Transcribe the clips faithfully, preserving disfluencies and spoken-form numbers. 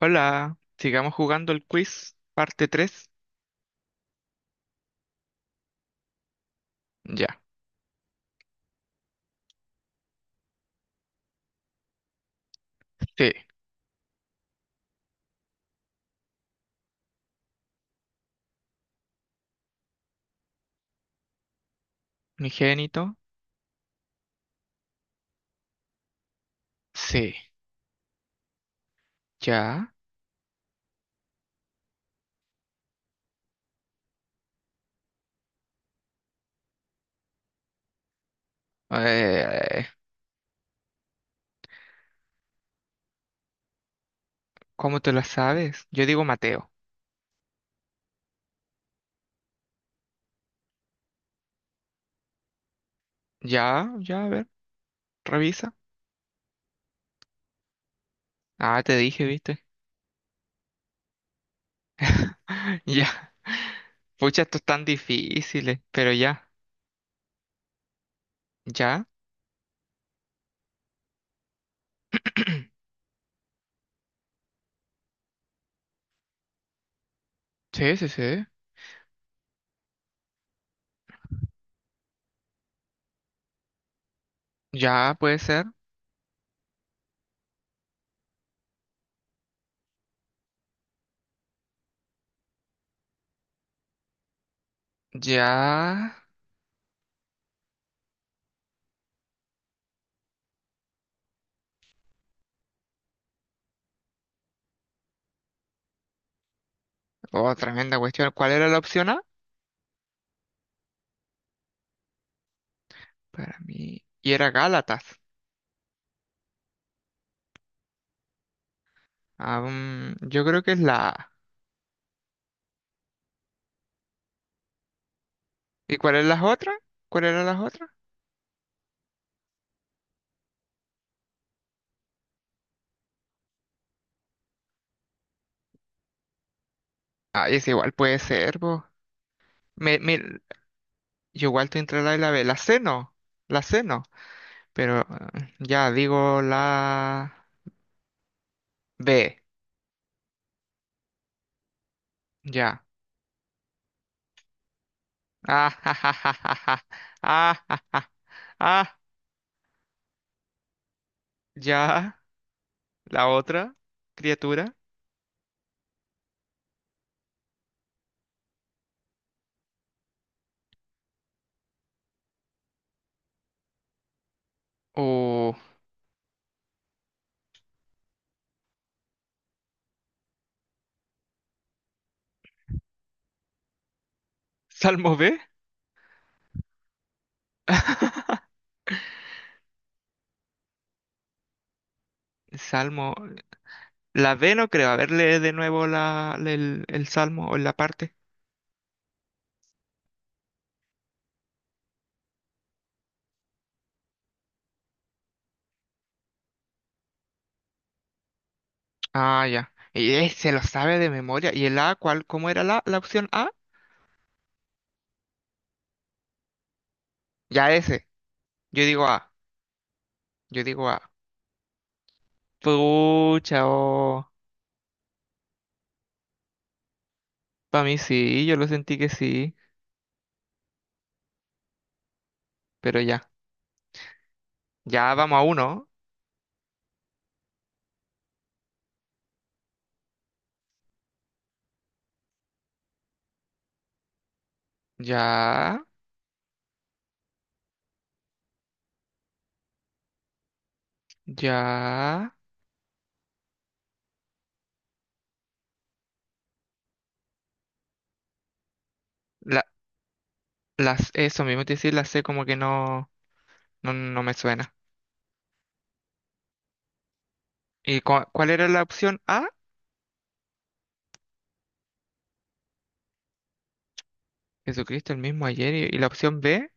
Hola, sigamos jugando el quiz, parte tres. Ya, sí. Unigénito, sí. Ya. Eh, ¿cómo te la sabes? Yo digo Mateo. Ya, ya, a ver, revisa. Ah, te dije, ¿viste? Ya. Pucha, esto es tan difícil, pero ya. Ya. Sí, sí, sí. Ya, puede ser. Ya. Oh, tremenda cuestión. ¿Cuál era la opción A? Para mí. Y era Gálatas. Ah, mm, yo creo que es la A. ¿Y cuál es las otras? ¿Cuál eran las otras? Ah, es igual puede ser, vos. Me, me, yo igual estoy entre la A y la B. La C no, la C no. Pero ah, ya digo la B, ya. Ah, ja, ja, ja, ja, ja. Ah, ja, ja. Ah, ya. La otra criatura. O Salmo B. Salmo. La B no creo. A ver, lee de nuevo la, el, el salmo o la parte. Ah, ya. Y él se lo sabe de memoria. ¿Y el A cuál? ¿Cómo era la, la opción A? Ya ese. Yo digo A. Yo digo A. Pucha, oh. Para mí sí, yo lo sentí que sí. Pero ya. Ya vamos a uno. Ya. Ya. La, las, eso mismo te decía, la C como que no, no, no me suena. ¿Y cua- cuál era la opción A? Jesucristo el mismo ayer. ¿Y, y la opción B?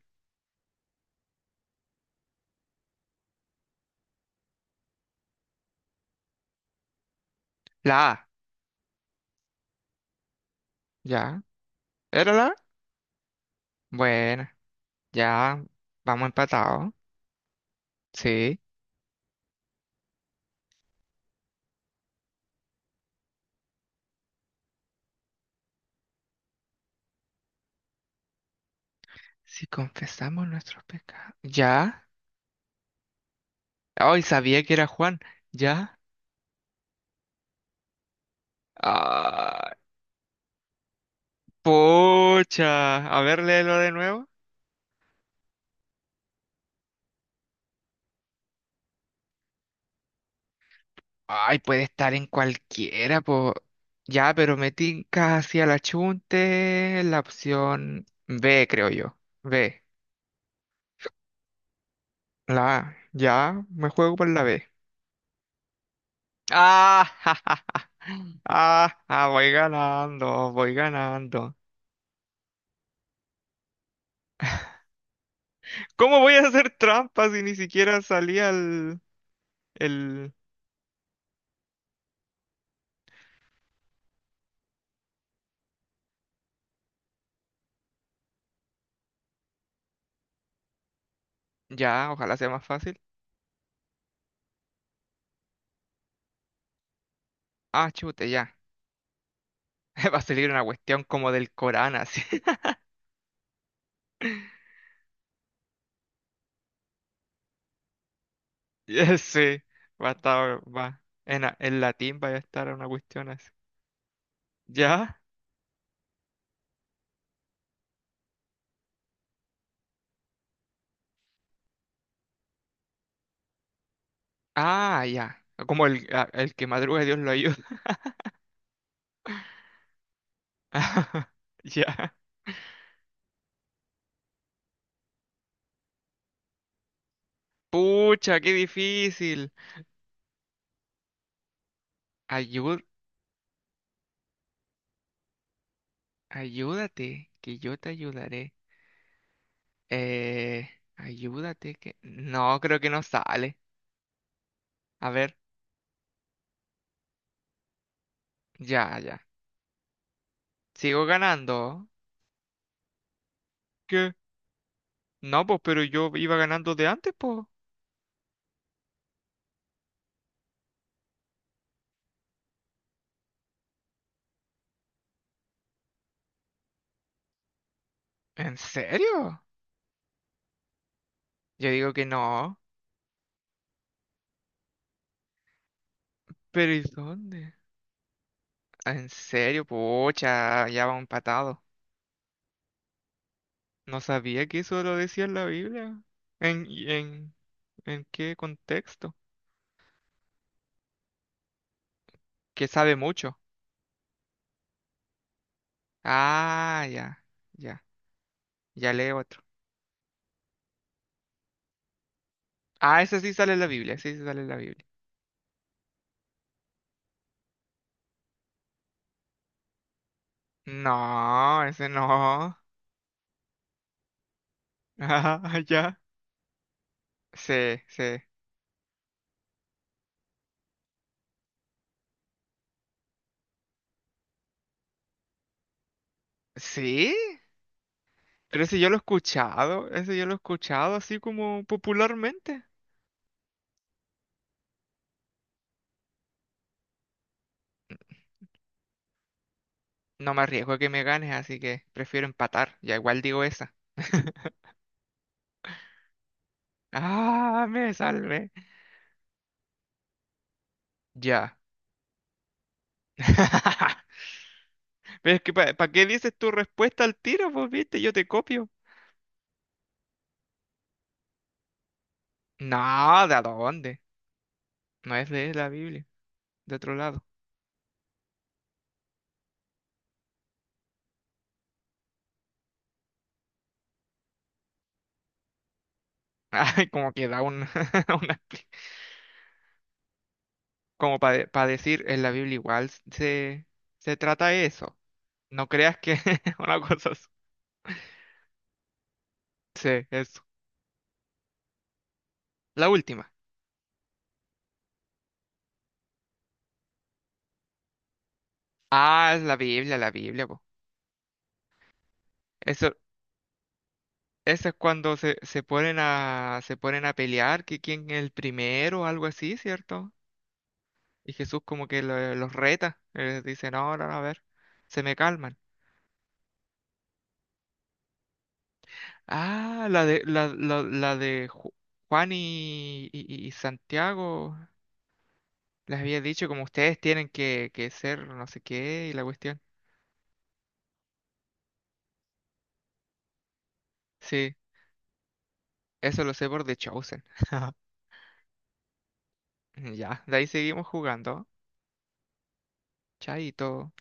La A. Ya. ¿Era la A? Bueno. Ya. Vamos empatados. Sí. Si confesamos nuestros pecados. ¿Ya? Ay, sabía que era Juan. ¿Ya? Ah, pocha. A ver, léelo de nuevo. Ay, puede estar en cualquiera, po. Ya, pero me tinca hacia la chunte la opción B, creo yo. B. La A. Ya, me juego por la B. Ah, ja, ja, ja. Ah, ah, voy ganando, voy ganando. ¿Cómo voy a hacer trampas si ni siquiera salía el, el, Ya, ojalá sea más fácil. Ah, chute, ya. Va a salir una cuestión como del Corán, así. Ya, sí, va a estar, va. En, a- en latín va a estar una cuestión así. ¿Ya? Ah, ya. Como el, a- el que madruga Dios lo ayuda. Ya. Pucha, qué difícil. Ayud, ayúdate, que yo te ayudaré. Eh, ayúdate, que... No, creo que no sale. A ver, ya, ya. Sigo ganando. Qué. No, pues, pero yo iba ganando de antes, pues. ¿En serio? Yo digo que no. ¿Pero y dónde? ¿En serio? Pucha, ya va empatado. No sabía que eso lo decía en la Biblia. ¿En, y en, ¿en qué contexto? Que sabe mucho. Ah, ya, ya. Ya lee otro. Ah, ese sí sale en la Biblia, ese sí sale en la Biblia. No, ese no. Ah, ya. Sí, sí. ¿Sí? Pero ese yo lo he escuchado, ese yo lo he escuchado así como popularmente. No me arriesgo a que me ganes, así que prefiero empatar. Ya igual digo esa. Ah, me salvé. Ya. Pero es que, ¿para qué dices tu respuesta al tiro? Pues viste, yo te copio. No, ¿de dónde? No es de la Biblia, de otro lado. Ay, como que da un, una, expli- como para decir, en la Biblia igual se, se trata eso. No creas que una cosa así. Sí, es. La última. Ah, es la Biblia, la Biblia, po. Eso, eso es cuando se, se ponen a, se ponen a pelear, que quién es el primero o algo así, ¿cierto? Y Jesús como que lo- los reta, eh, dice, no, no, no, a ver, se me calman. Ah, la de, la, la, la de Ju- Juan y, y- y Santiago, les había dicho como ustedes tienen que, que ser no sé qué y la cuestión. Sí, eso lo sé por The Chosen. Ya, de ahí seguimos jugando. Chaito.